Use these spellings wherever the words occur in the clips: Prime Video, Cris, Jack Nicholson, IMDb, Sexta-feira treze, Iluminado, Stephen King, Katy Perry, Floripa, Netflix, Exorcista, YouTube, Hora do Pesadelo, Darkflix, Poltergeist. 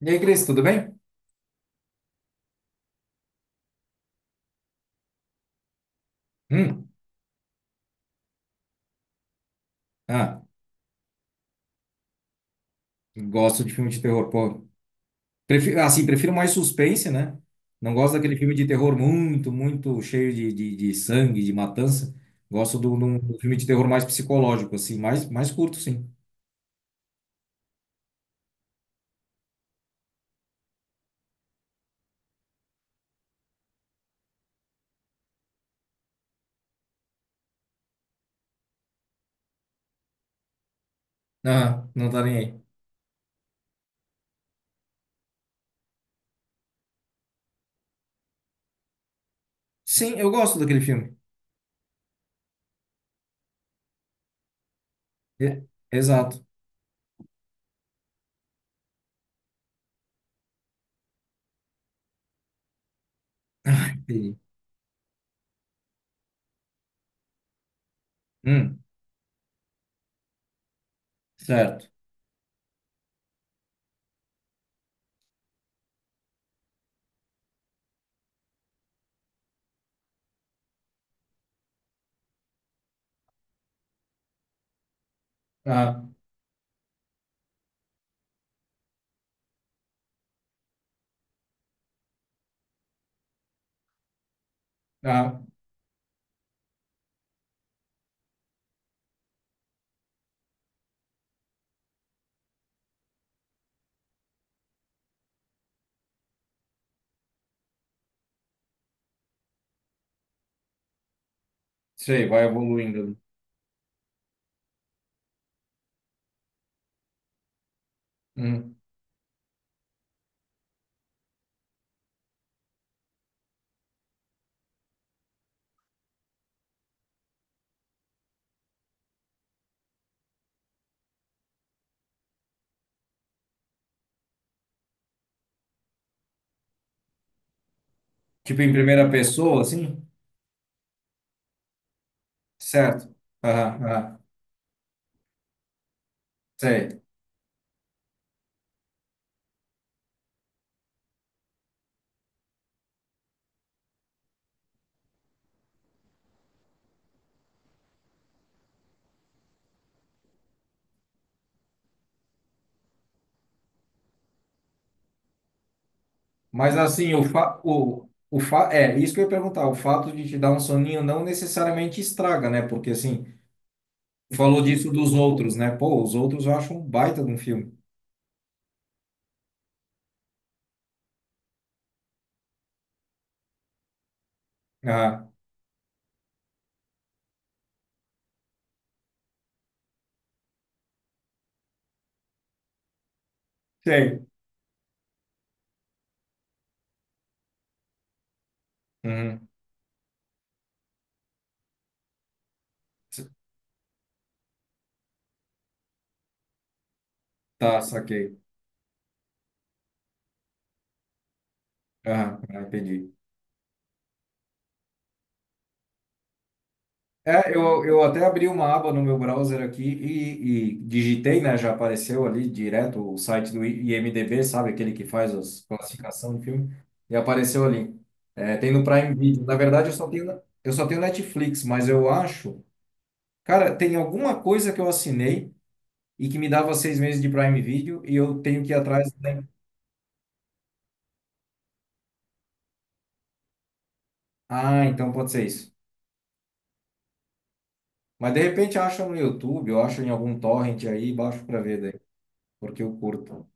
E aí, Cris, tudo bem? Hum. Ah, gosto de filme de terror, pô. Prefiro, assim, prefiro mais suspense, né? Não gosto daquele filme de terror muito, muito cheio de sangue, de matança. Gosto do filme de terror mais psicológico, assim, mais curto, sim. Ah, não tá nem aí. Sim, eu gosto daquele filme. E- Exato. Entendi. Hum, certo. Ah, ah, sei, vai evoluindo. Hum. Tipo em primeira pessoa, assim? Certo. Ah, ah, sei. Mas assim, o fa... é isso que eu ia perguntar. O fato de te dar um soninho não necessariamente estraga, né? Porque assim, tu falou disso dos outros, né? Pô, os outros eu acho um baita de um filme. Ah, sei. Uhum. Tá, saquei. Ah, ah, entendi. É, eu até abri uma aba no meu browser aqui e digitei, né? Já apareceu ali direto o site do IMDb, sabe? Aquele que faz as classificação de filme. E apareceu ali. É, tem no Prime Video. Na verdade, eu só tenho Netflix, mas eu acho. Cara, tem alguma coisa que eu assinei e que me dava 6 meses de Prime Video e eu tenho que ir atrás, né? Ah, então pode ser isso. Mas de repente acho no YouTube, eu acho em algum torrent aí, baixo pra ver daí, porque eu curto.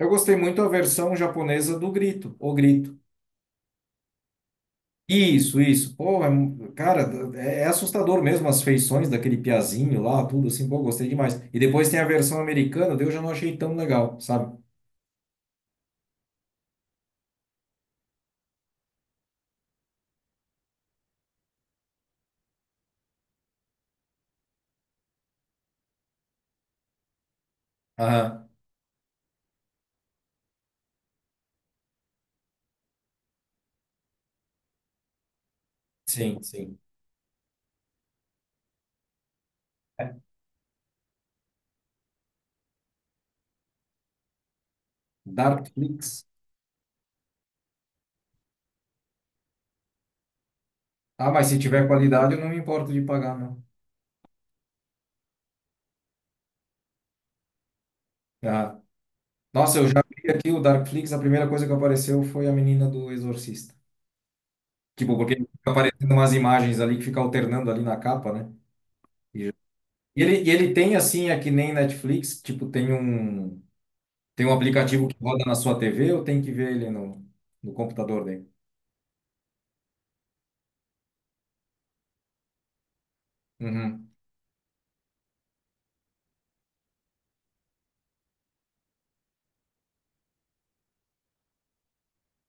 Eu gostei muito da versão japonesa do Grito, O Grito. Isso, isso. Pô, é cara, é assustador mesmo as feições daquele piazinho lá, tudo assim. Pô, gostei demais. E depois tem a versão americana, daí eu já não achei tão legal, sabe? Aham, sim, sim. Darkflix. Ah, mas se tiver qualidade, eu não me importo de pagar, não. Ah. Nossa, eu já vi aqui o Darkflix, a primeira coisa que apareceu foi a menina do Exorcista. Tipo, porque fica aparecendo umas imagens ali que fica alternando ali na capa, né? E E ele, e ele tem assim, é que nem Netflix, tipo, tem um aplicativo que roda na sua TV ou tem que ver ele no computador dele? Uhum.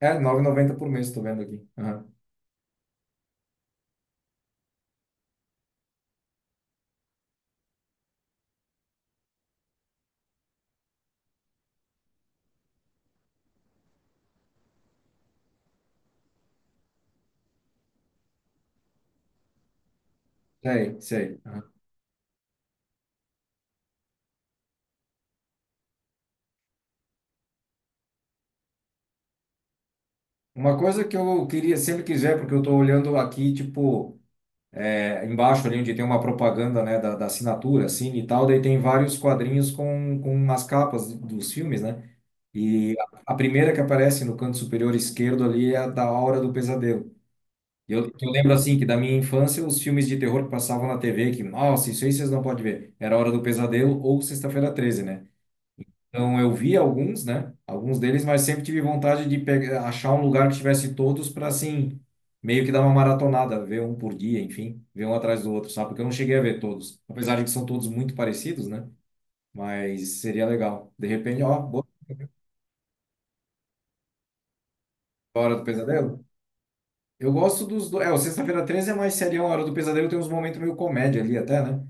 É, 9,90 por mês, estou vendo aqui. Aham. Sei, sei. Aham. Uma coisa que eu queria, sempre quiser, porque eu estou olhando aqui, tipo, é, embaixo ali onde tem uma propaganda, né, da assinatura, assim, e tal, daí tem vários quadrinhos com as capas dos filmes, né? E a primeira que aparece no canto superior esquerdo ali é a da Hora do Pesadelo. Eu, que eu lembro assim que da minha infância os filmes de terror que passavam na TV, que, nossa, isso aí vocês não podem ver. Era Hora do Pesadelo ou Sexta-feira 13, né? Então eu vi alguns, né? Alguns deles, mas sempre tive vontade de pegar, achar um lugar que tivesse todos para assim, meio que dar uma maratonada, ver um por dia, enfim, ver um atrás do outro, sabe? Porque eu não cheguei a ver todos. Apesar de que são todos muito parecidos, né? Mas seria legal. De repente, ó, boa. Hora do Pesadelo. Eu gosto dos dois. É, o Sexta-feira 13 é mais serião, a Hora do Pesadelo tem uns momentos meio comédia ali até, né?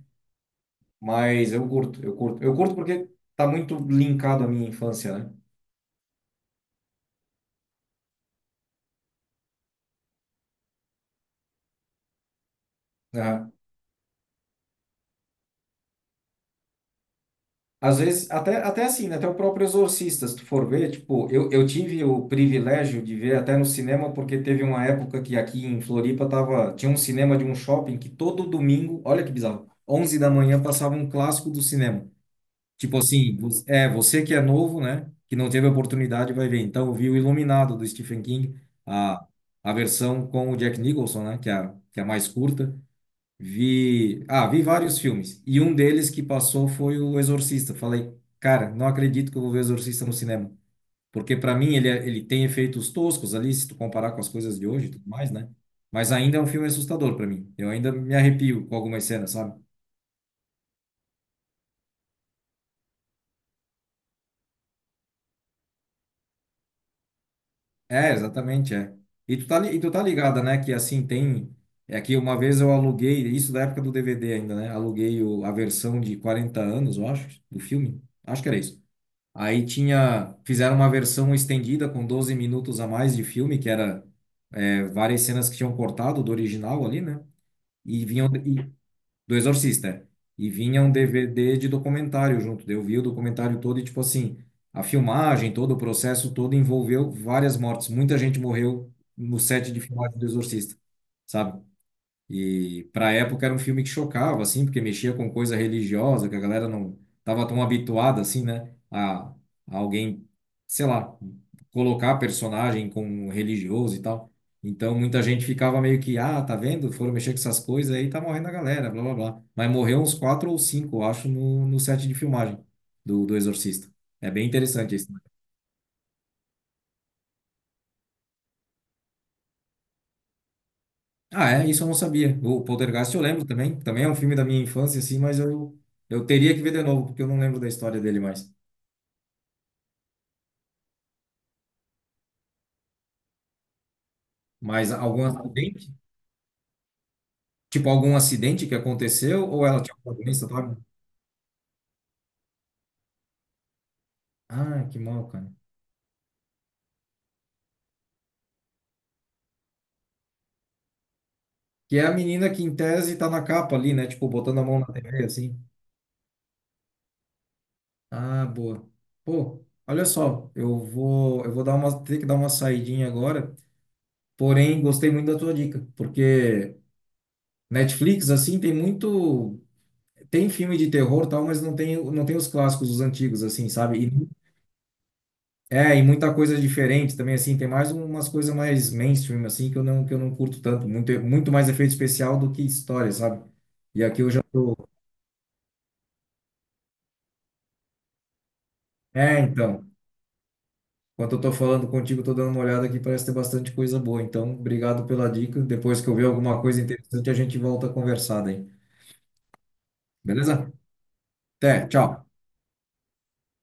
Mas eu curto, eu curto. Eu curto porque tá muito linkado à minha infância, né? Aham. Às vezes, até, até assim, né? Até o próprio Exorcista, se tu for ver, tipo, eu tive o privilégio de ver até no cinema, porque teve uma época que aqui em Floripa tava, tinha um cinema de um shopping que todo domingo, olha que bizarro, 11 da manhã passava um clássico do cinema. Tipo assim, é, você que é novo, né? Que não teve oportunidade, vai ver. Então, eu vi o Iluminado do Stephen King, a, a versão com o Jack Nicholson, né? Que é a mais curta. Vi vários filmes e um deles que passou foi o Exorcista. Falei, cara, não acredito que eu vou ver Exorcista no cinema, porque para mim ele tem efeitos toscos ali se tu comparar com as coisas de hoje e tudo mais, né? Mas ainda é um filme assustador para mim. Eu ainda me arrepio com algumas cenas, sabe? É, exatamente, é. E tu tá ligada, né, que assim tem é que uma vez eu aluguei, isso da época do DVD ainda, né? Aluguei a versão de 40 anos, eu acho, do filme. Acho que era isso. Aí tinha, fizeram uma versão estendida com 12 minutos a mais de filme, que era é, várias cenas que tinham cortado do original ali, né? E vinham e, do Exorcista. É. E vinha um DVD de documentário junto. Daí eu vi o documentário todo e tipo assim, a filmagem, todo o processo todo envolveu várias mortes. Muita gente morreu no set de filmagem do Exorcista, sabe? E para a época era um filme que chocava, assim, porque mexia com coisa religiosa, que a galera não estava tão habituada, assim, né? A alguém, sei lá, colocar personagem com religioso e tal. Então muita gente ficava meio que, ah, tá vendo? Foram mexer com essas coisas aí, tá morrendo a galera, blá blá blá. Mas morreu uns quatro ou cinco, eu acho, no, set de filmagem do Exorcista. É bem interessante isso. Ah, é, isso eu não sabia. O Poltergeist eu lembro também. Também é um filme da minha infância, assim, mas eu teria que ver de novo, porque eu não lembro da história dele mais. Mas algum acidente? Tipo, algum acidente que aconteceu ou ela tinha uma doença, sabe? Ah, que mal, cara. Que é a menina que, em tese, tá na capa ali, né? Tipo, botando a mão na TV, assim. Ah, boa. Pô, olha só, eu vou dar ter que dar uma saidinha agora. Porém, gostei muito da tua dica, porque Netflix, assim, tem muito. Tem filme de terror, tal, mas não tem os clássicos, os antigos, assim, sabe? E, uhum. É, e muita coisa diferente também, assim, tem mais umas coisas mais mainstream, assim, que eu não curto tanto, muito, muito mais efeito especial do que história, sabe? E aqui eu já tô... É, então, enquanto eu tô falando contigo, eu tô dando uma olhada aqui, parece ter bastante coisa boa, então, obrigado pela dica, depois que eu ver alguma coisa interessante, a gente volta a conversar daí, beleza? Até, tchau!